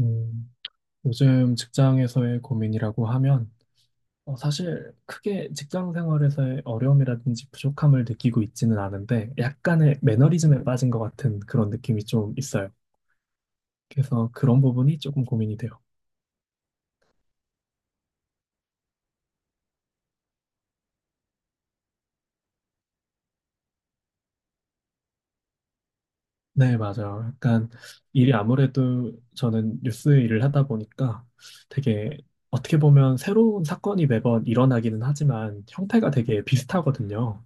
음, 요즘 직장에서의 고민이라고 하면 사실 크게 직장 생활에서의 어려움이라든지 부족함을 느끼고 있지는 않은데 약간의 매너리즘에 빠진 것 같은 그런 느낌이 좀 있어요. 그래서 그런 부분이 조금 고민이 돼요. 네, 맞아요. 약간 일이 아무래도 저는 뉴스 일을 하다 보니까 되게 어떻게 보면 새로운 사건이 매번 일어나기는 하지만 형태가 되게 비슷하거든요.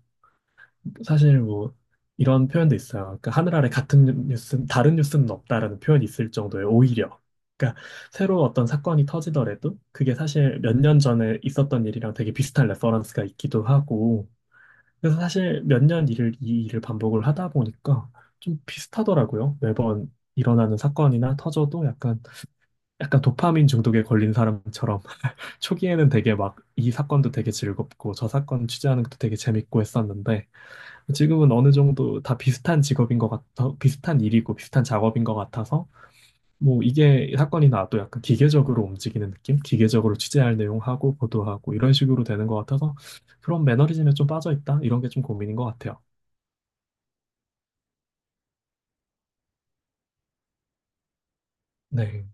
사실 뭐 이런 표현도 있어요. 그러니까 하늘 아래 같은 뉴스, 다른 뉴스는 없다라는 표현이 있을 정도예요. 오히려. 그러니까 새로 어떤 사건이 터지더라도 그게 사실 몇 년 전에 있었던 일이랑 되게 비슷한 레퍼런스가 있기도 하고. 그래서 사실 몇 년 일을 이 일을 반복을 하다 보니까 좀 비슷하더라고요. 매번 일어나는 사건이나 터져도 약간 도파민 중독에 걸린 사람처럼 초기에는 되게 막 이 사건도 되게 즐겁고 저 사건 취재하는 것도 되게 재밌고 했었는데 지금은 어느 정도 다 비슷한 직업인 것 같아, 비슷한 일이고 비슷한 작업인 것 같아서, 뭐 이게 사건이 나도 약간 기계적으로 움직이는 느낌? 기계적으로 취재할 내용하고 보도하고 이런 식으로 되는 것 같아서 그런 매너리즘에 좀 빠져 있다? 이런 게 좀 고민인 것 같아요. 네.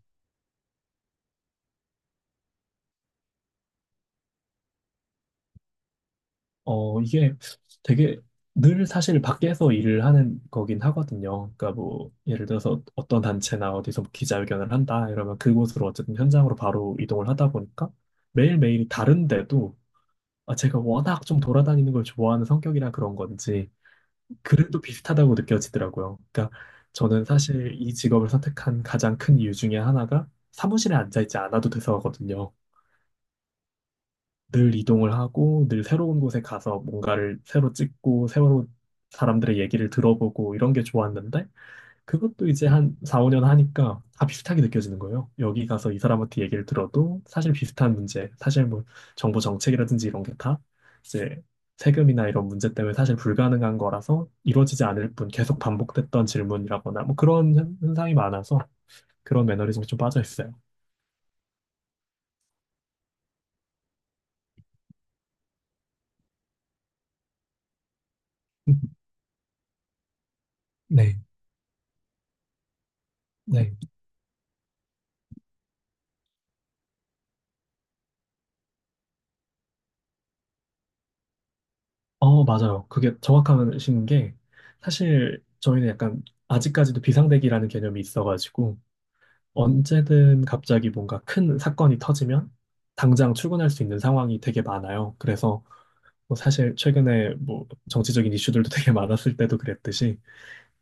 이게 되게 늘 사실 밖에서 일을 하는 거긴 하거든요. 그러니까 뭐 예를 들어서 어떤 단체나 어디서 뭐 기자회견을 한다 이러면 그곳으로 어쨌든 현장으로 바로 이동을 하다 보니까 매일매일이 다른데도 아, 제가 워낙 좀 돌아다니는 걸 좋아하는 성격이라 그런 건지 그래도 비슷하다고 느껴지더라고요. 그러니까 저는 사실 이 직업을 선택한 가장 큰 이유 중에 하나가 사무실에 앉아있지 않아도 돼서거든요. 늘 이동을 하고 늘 새로운 곳에 가서 뭔가를 새로 찍고 새로 사람들의 얘기를 들어보고 이런 게 좋았는데 그것도 이제 한 4, 5년 하니까 다 비슷하게 느껴지는 거예요. 여기 가서 이 사람한테 얘기를 들어도 사실 비슷한 문제, 사실 뭐 정부 정책이라든지 이런 게 다 이제 세금이나 이런 문제 때문에 사실 불가능한 거라서 이루어지지 않을 뿐 계속 반복됐던 질문이라거나 뭐 그런 현상이 많아서 그런 매너리즘이 좀 빠져 있어요. 네, 네, 맞아요. 그게 정확하신 게 사실 저희는 약간 아직까지도 비상대기라는 개념이 있어가지고 언제든 갑자기 뭔가 큰 사건이 터지면 당장 출근할 수 있는 상황이 되게 많아요. 그래서 뭐 사실 최근에 뭐 정치적인 이슈들도 되게 많았을 때도 그랬듯이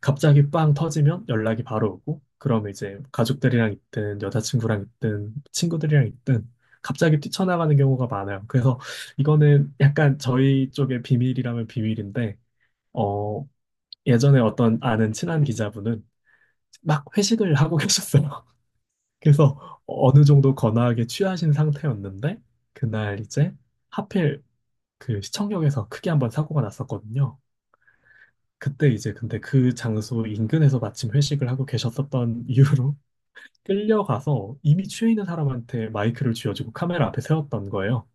갑자기 빵 터지면 연락이 바로 오고 그럼 이제 가족들이랑 있든 여자친구랑 있든 친구들이랑 있든 갑자기 뛰쳐나가는 경우가 많아요. 그래서 이거는 약간 저희 쪽의 비밀이라면 비밀인데 어 예전에 어떤 아는 친한 기자분은 막 회식을 하고 계셨어요. 그래서 어느 정도 거나하게 취하신 상태였는데 그날 이제 하필 그 시청역에서 크게 한번 사고가 났었거든요. 그때 이제 근데 그 장소 인근에서 마침 회식을 하고 계셨었던 이유로 끌려가서 이미 취해 있는 사람한테 마이크를 쥐어주고 카메라 앞에 세웠던 거예요.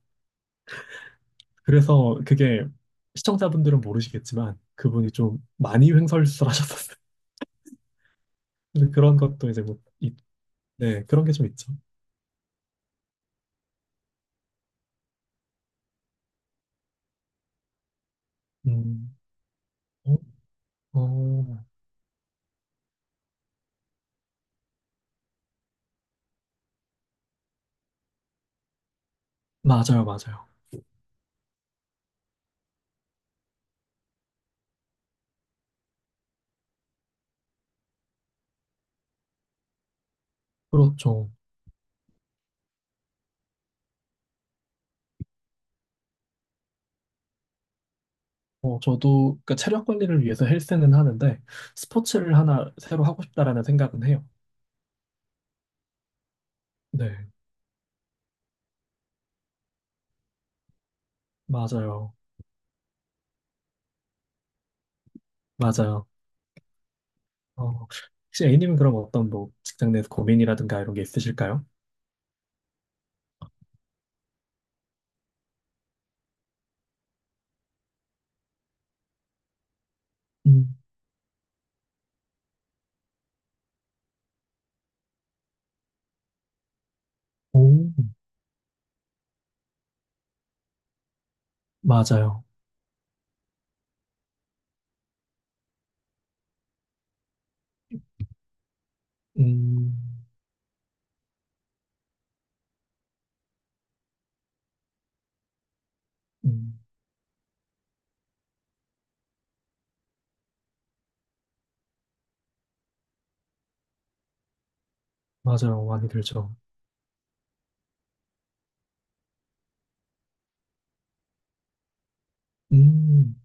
그래서 그게 시청자분들은 모르시겠지만 그분이 좀 많이 횡설수설하셨었어요. 근데 그런 것도 이제 뭐 네, 그런 게 좀 있죠. 음, 어, 어, 맞아요, 맞아요. 그렇죠. 저도 그 체력 관리를 위해서 헬스는 하는데 스포츠를 하나 새로 하고 싶다라는 생각은 해요. 네, 맞아요. 맞아요. 혹시 A님은 그럼 어떤 뭐 직장 내에서 고민이라든가 이런 게 있으실까요? 음, 오, 맞아요. 음, 음, 맞아요. 많이 들죠. 음,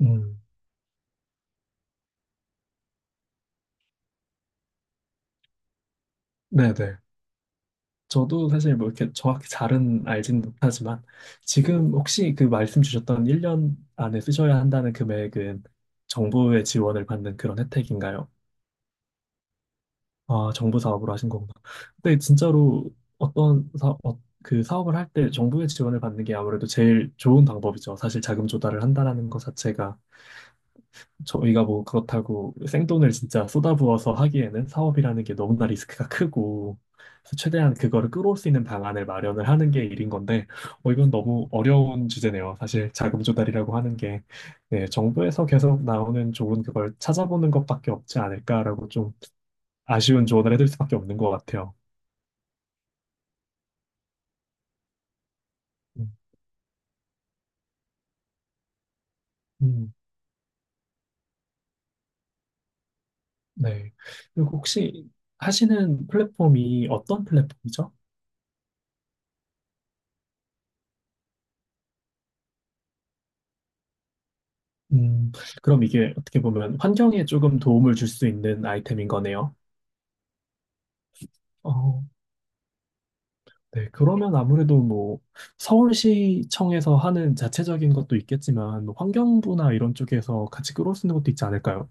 음, 네네. 저도 사실 뭐 이렇게 정확히 잘은 알진 못하지만 지금 혹시 그 말씀 주셨던 1년 안에 쓰셔야 한다는 금액은 정부의 지원을 받는 그런 혜택인가요? 아, 정부 사업으로 하신 거구나. 근데 진짜로 어떤 그 사업을 할 때 정부의 지원을 받는 게 아무래도 제일 좋은 방법이죠. 사실 자금 조달을 한다라는 것 자체가 저희가 뭐 그렇다고 생돈을 진짜 쏟아부어서 하기에는 사업이라는 게 너무나 리스크가 크고 그래서 최대한 그거를 끌어올 수 있는 방안을 마련을 하는 게 일인 건데 이건 너무 어려운 주제네요. 사실 자금 조달이라고 하는 게 네, 정부에서 계속 나오는 좋은 그걸 찾아보는 것밖에 없지 않을까라고 좀 아쉬운 조언을 해드릴 수밖에 없는 것 같아요. 음, 음, 네. 그리고 혹시 하시는 플랫폼이 어떤 플랫폼이죠? 음, 그럼 이게 어떻게 보면 환경에 조금 도움을 줄 수 있는 아이템인 거네요. 어, 네. 그러면 아무래도 뭐 서울시청에서 하는 자체적인 것도 있겠지만 뭐 환경부나 이런 쪽에서 같이 끌어올 수 있는 것도 있지 않을까요?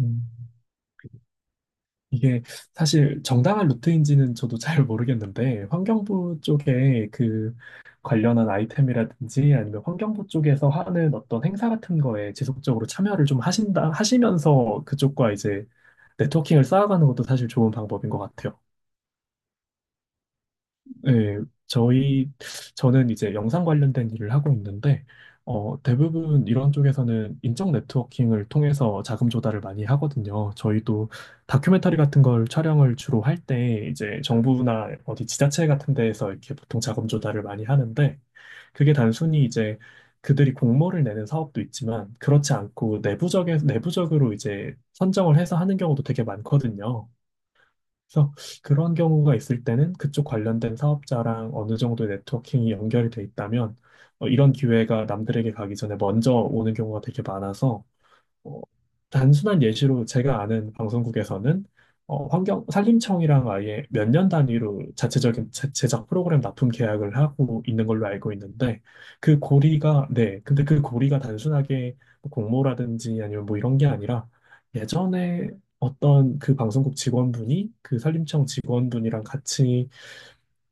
음. 이게 사실 정당한 루트인지는 저도 잘 모르겠는데, 환경부 쪽에 그 관련한 아이템이라든지 아니면 환경부 쪽에서 하는 어떤 행사 같은 거에 지속적으로 참여를 좀 하신다, 하시면서 그쪽과 이제 네트워킹을 쌓아가는 것도 사실 좋은 방법인 것 같아요. 네, 저희, 저는 이제 영상 관련된 일을 하고 있는데, 대부분 이런 쪽에서는 인적 네트워킹을 통해서 자금 조달을 많이 하거든요. 저희도 다큐멘터리 같은 걸 촬영을 주로 할 때, 이제 정부나 어디 지자체 같은 데에서 이렇게 보통 자금 조달을 많이 하는데, 그게 단순히 이제 그들이 공모를 내는 사업도 있지만, 그렇지 않고 내부적으로 이제 선정을 해서 하는 경우도 되게 많거든요. 그래서 그런 경우가 있을 때는 그쪽 관련된 사업자랑 어느 정도 네트워킹이 연결이 돼 있다면 이런 기회가 남들에게 가기 전에 먼저 오는 경우가 되게 많아서 어, 단순한 예시로 제가 아는 방송국에서는 환경 산림청이랑 아예 몇 년 단위로 자체적인 제작 프로그램 납품 계약을 하고 있는 걸로 알고 있는데 그 고리가, 네, 근데 그 고리가 단순하게 뭐 공모라든지 아니면 뭐 이런 게 아니라 예전에 어떤 그 방송국 직원분이 그 산림청 직원분이랑 같이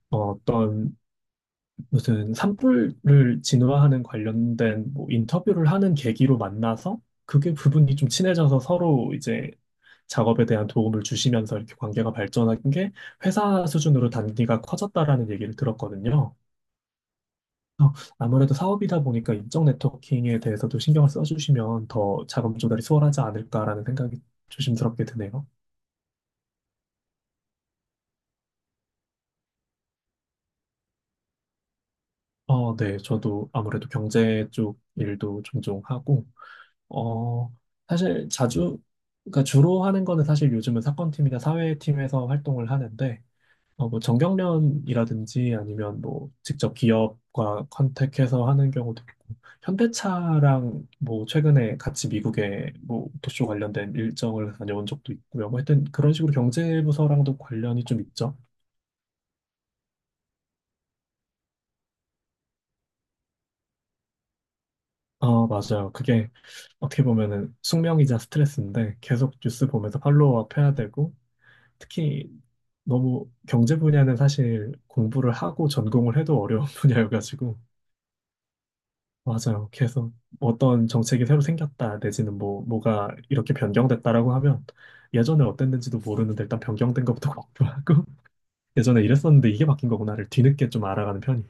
어떤 무슨 산불을 진화하는 관련된 뭐 인터뷰를 하는 계기로 만나서 그게 부분이 좀 친해져서 서로 이제 작업에 대한 도움을 주시면서 이렇게 관계가 발전한 게 회사 수준으로 단계가 커졌다라는 얘기를 들었거든요. 아무래도 사업이다 보니까 인적 네트워킹에 대해서도 신경을 써주시면 더 작업 조달이 수월하지 않을까라는 생각이 조심스럽게 드네요. 네, 저도 아무래도 경제 쪽 일도 종종 하고 어, 사실 자주, 그러니까 주로 하는 거는 사실 요즘은 사건팀이나 사회팀에서 활동을 하는데, 뭐 정경련이라든지 아니면 뭐 직접 기업과 컨택해서 하는 경우도 있고, 현대차랑 뭐 최근에 같이 미국에 뭐 도쇼 관련된 일정을 다녀온 적도 있고요. 뭐 하여튼 그런 식으로 경제부서랑도 관련이 좀 있죠. 맞아요. 그게 어떻게 보면은 숙명이자 스트레스인데 계속 뉴스 보면서 팔로우업 해야 되고, 특히 너무 경제 분야는 사실 공부를 하고 전공을 해도 어려운 분야여가지고 맞아요. 계속 어떤 정책이 새로 생겼다 내지는 뭐 뭐가 이렇게 변경됐다라고 하면 예전에 어땠는지도 모르는데 일단 변경된 것부터 공부하고 예전에 이랬었는데 이게 바뀐 거구나를 뒤늦게 좀 알아가는 편이에요.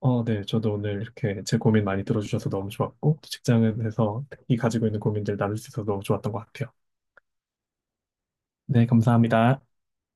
네. 저도 오늘 이렇게 제 고민 많이 들어주셔서 너무 좋았고 또 직장에서 특히 가지고 있는 고민들 나눌 수 있어서 너무 좋았던 것 같아요. 네, 감사합니다.